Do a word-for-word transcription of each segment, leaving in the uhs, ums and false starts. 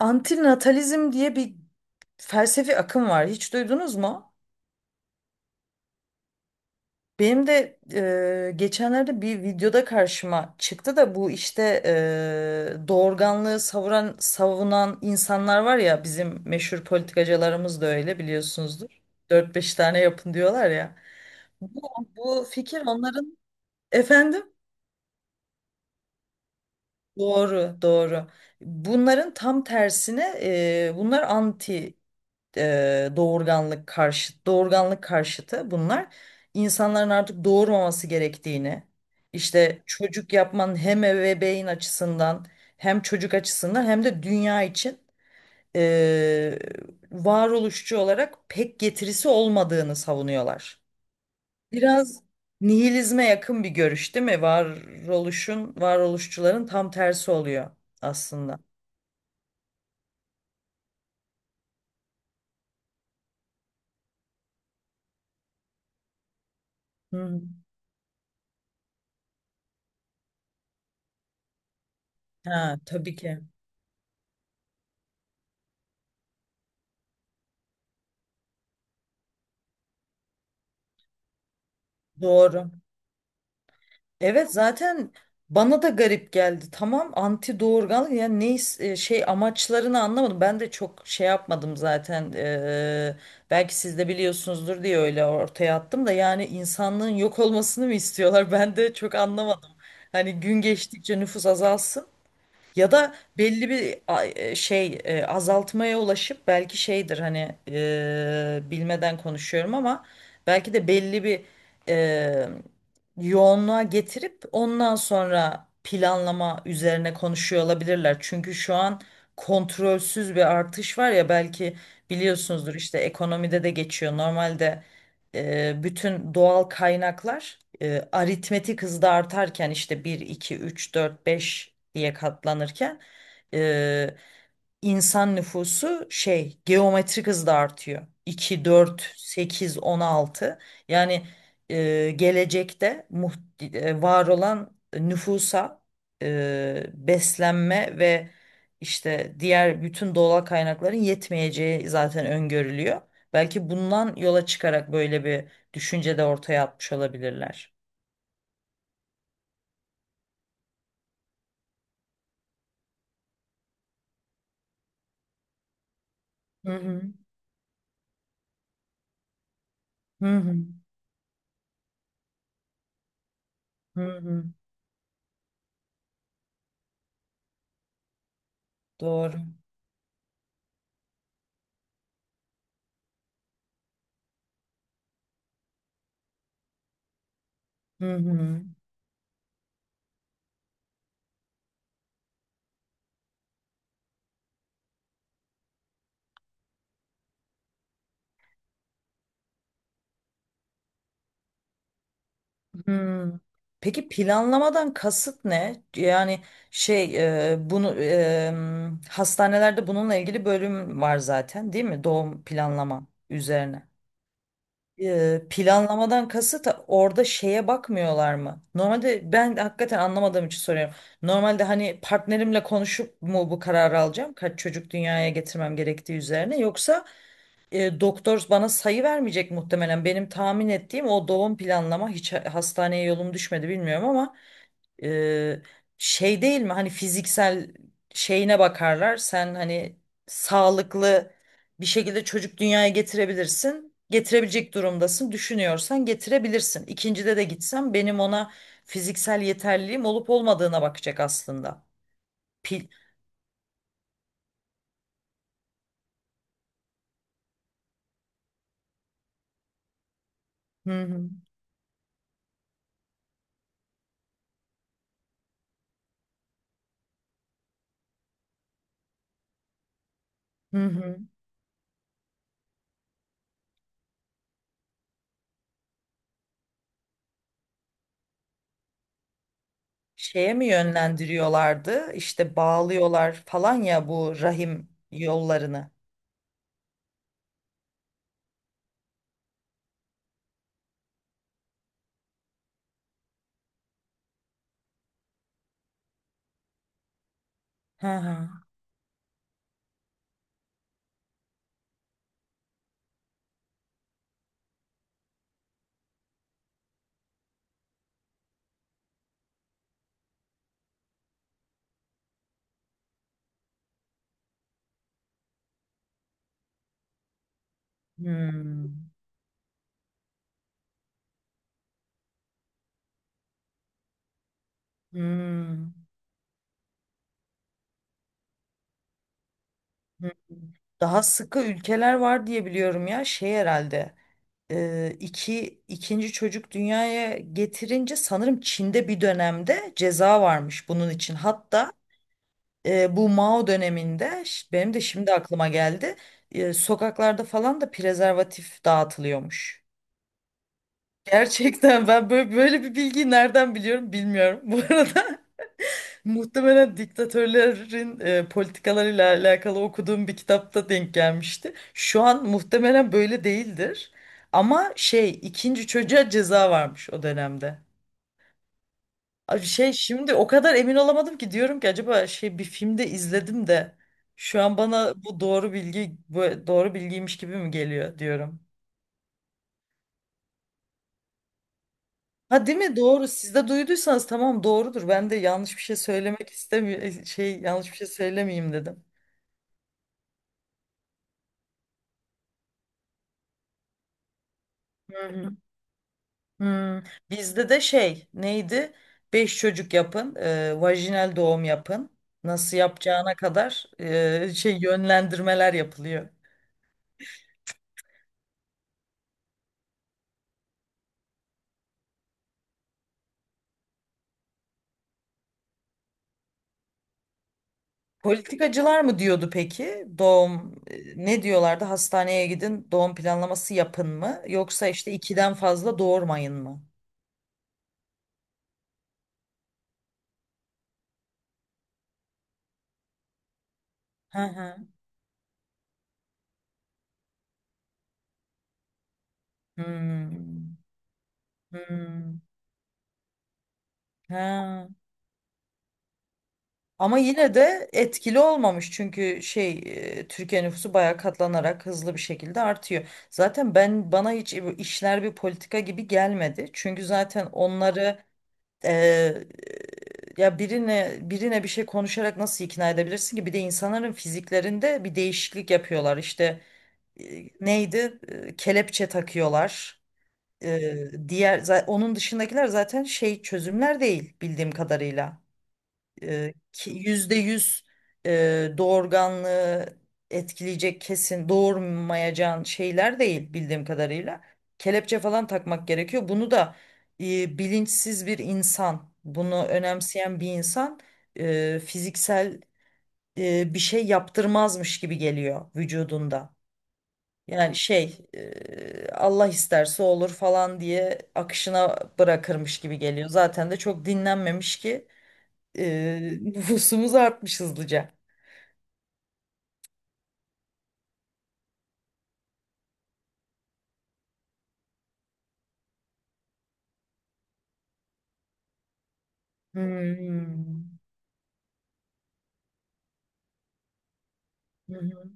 Antinatalizm diye bir felsefi akım var. Hiç duydunuz mu? Benim de e, geçenlerde bir videoda karşıma çıktı da bu işte e, doğurganlığı savuran, savunan insanlar var ya, bizim meşhur politikacılarımız da öyle biliyorsunuzdur. Dört beş tane yapın diyorlar ya. Bu, bu fikir onların, efendim, doğru doğru. Bunların tam tersine e, bunlar anti e, doğurganlık karşıt, doğurganlık karşıtı. Bunlar insanların artık doğurmaması gerektiğini, işte çocuk yapmanın hem ebeveyn açısından hem çocuk açısından hem de dünya için e, varoluşçu olarak pek getirisi olmadığını savunuyorlar. Biraz nihilizme yakın bir görüş değil mi? Varoluşun, varoluşçuların tam tersi oluyor aslında. Hı. Ha, tabii ki. Doğru. Evet, zaten bana da garip geldi. Tamam, anti doğurgan, yani ne is- e, şey, amaçlarını anlamadım. Ben de çok şey yapmadım zaten. Eee, belki siz de biliyorsunuzdur diye öyle ortaya attım da, yani insanlığın yok olmasını mı istiyorlar? Ben de çok anlamadım. Hani gün geçtikçe nüfus azalsın. Ya da belli bir a- e, şey, e, azaltmaya ulaşıp belki şeydir, hani, e, bilmeden konuşuyorum ama belki de belli bir e, yoğunluğa getirip ondan sonra planlama üzerine konuşuyor olabilirler. Çünkü şu an kontrolsüz bir artış var ya, belki biliyorsunuzdur, işte ekonomide de geçiyor. Normalde e, bütün doğal kaynaklar e, aritmetik hızda artarken, işte bir iki üç dört beş diye katlanırken, e, insan nüfusu şey geometrik hızda artıyor. İki dört sekiz on altı, yani e, gelecekte muht- e, var olan nüfusa e, beslenme ve işte diğer bütün doğal kaynakların yetmeyeceği zaten öngörülüyor. Belki bundan yola çıkarak böyle bir düşünce de ortaya atmış olabilirler. Hı hı. Hı hı. Hı hı. Doğru. Hı hı. Hı. Peki, planlamadan kasıt ne? Yani şey, e, bunu e, hastanelerde bununla ilgili bölüm var zaten değil mi? Doğum planlama üzerine. E, planlamadan kasıt orada şeye bakmıyorlar mı? Normalde ben hakikaten anlamadığım için soruyorum. Normalde hani partnerimle konuşup mu bu kararı alacağım? Kaç çocuk dünyaya getirmem gerektiği üzerine, yoksa e, doktor bana sayı vermeyecek muhtemelen. Benim tahmin ettiğim, o doğum planlama, hiç ha- hastaneye yolum düşmedi, bilmiyorum, ama e, şey değil mi? Hani fiziksel şeyine bakarlar. Sen hani sağlıklı bir şekilde çocuk dünyaya getirebilirsin. Getirebilecek durumdasın. Düşünüyorsan getirebilirsin. İkincide de gitsem benim ona fiziksel yeterliliğim olup olmadığına bakacak aslında. Pil. Hı hı. Hı hı. Şeye mi yönlendiriyorlardı? İşte bağlıyorlar falan ya bu rahim yollarını. Hı hı. Hmm. Hmm. Hmm. Daha sıkı ülkeler var diye biliyorum ya, şey herhalde. E, iki, ikinci çocuk dünyaya getirince sanırım Çin'de bir dönemde ceza varmış bunun için. Hatta e, bu Mao döneminde ş- benim de şimdi aklıma geldi. e, sokaklarda falan da prezervatif dağıtılıyormuş. Gerçekten ben böyle, böyle bir bilgiyi nereden biliyorum, bilmiyorum. Bu arada muhtemelen diktatörlerin e, politikalarıyla alakalı okuduğum bir kitapta denk gelmişti. Şu an muhtemelen böyle değildir. Ama şey, ikinci çocuğa ceza varmış o dönemde. Abi şey, şimdi o kadar emin olamadım ki, diyorum ki acaba şey, bir filmde izledim de, şu an bana bu doğru bilgi bu doğru bilgiymiş gibi mi geliyor diyorum. Ha, değil mi? Doğru. Siz de duyduysanız, tamam, doğrudur. Ben de yanlış bir şey söylemek istemiyorum. Şey, yanlış bir şey söylemeyeyim dedim. Hı hı. Hmm. Bizde de şey neydi? Beş çocuk yapın. e, vajinal doğum yapın. Nasıl yapacağına kadar e, şey yönlendirmeler yapılıyor. Politikacılar mı diyordu peki? Doğum, e, ne diyorlardı? Hastaneye gidin, doğum planlaması yapın mı? Yoksa işte ikiden fazla doğurmayın mı? Hı hı. Hmm. Hmm. Ha. Ama yine de etkili olmamış, çünkü şey, e, Türkiye nüfusu bayağı katlanarak hızlı bir şekilde artıyor. Zaten ben bana hiç bu işler bir politika gibi gelmedi. Çünkü zaten onları e, ya birine birine bir şey konuşarak nasıl ikna edebilirsin ki? Bir de insanların fiziklerinde bir değişiklik yapıyorlar. İşte e, neydi? E, kelepçe takıyorlar. E, diğer za- onun dışındakiler zaten şey çözümler değil bildiğim kadarıyla, e, ki- yüzde yüz e, doğurganlığı etkileyecek, kesin doğurmayacağın şeyler değil bildiğim kadarıyla. Kelepçe falan takmak gerekiyor. Bunu da e, bilinçsiz bir insan, bunu önemseyen bir insan e, fiziksel e, bir şey yaptırmazmış gibi geliyor vücudunda. Yani şey, e, Allah isterse olur falan diye akışına bırakırmış gibi geliyor. Zaten de çok dinlenmemiş ki Eee, nüfusumuz artmış hızlıca. Hmm. Hı hı.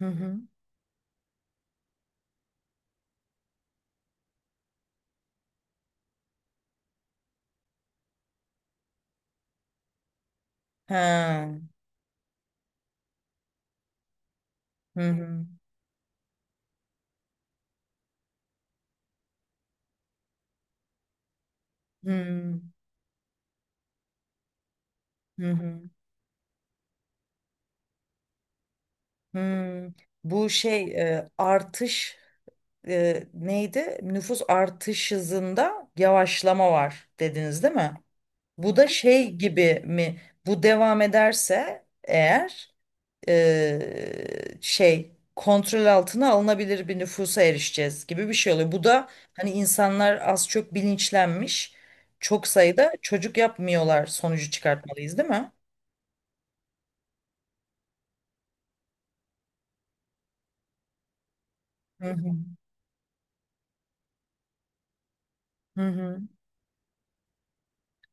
Hı hı. Ha. Hı hı. Hı hı. Hı. Hı. Bu şey, e, artış, e, neydi? Nüfus artış hızında yavaşlama var dediniz değil mi? Bu da şey gibi mi? Bu devam ederse eğer eee, şey, kontrol altına alınabilir bir nüfusa erişeceğiz gibi bir şey oluyor. Bu da hani insanlar az çok bilinçlenmiş. Çok sayıda çocuk yapmıyorlar sonucu çıkartmalıyız değil mi? Hı hı. Hı hı.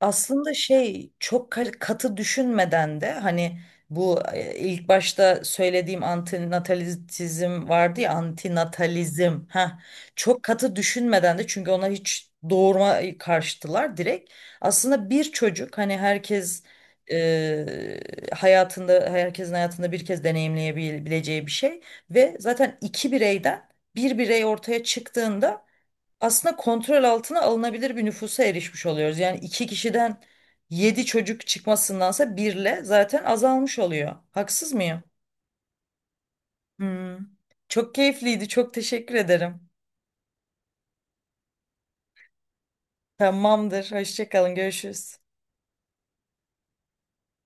Aslında şey, çok ka- katı düşünmeden de, hani bu e, ilk başta söylediğim antinatalizm vardı ya, antinatalizm, ha, çok katı düşünmeden de, çünkü ona hiç doğurma karşıtılar direkt. Aslında bir çocuk, hani herkes e, hayatında herkesin hayatında bir kez deneyimleyebileceği bir şey ve zaten iki bireyden bir birey ortaya çıktığında aslında kontrol altına alınabilir bir nüfusa erişmiş oluyoruz. Yani iki kişiden yedi çocuk çıkmasındansa birle zaten azalmış oluyor. Haksız mıyım? Hmm. Çok keyifliydi. Çok teşekkür ederim. Tamamdır. Hoşça kalın. Görüşürüz.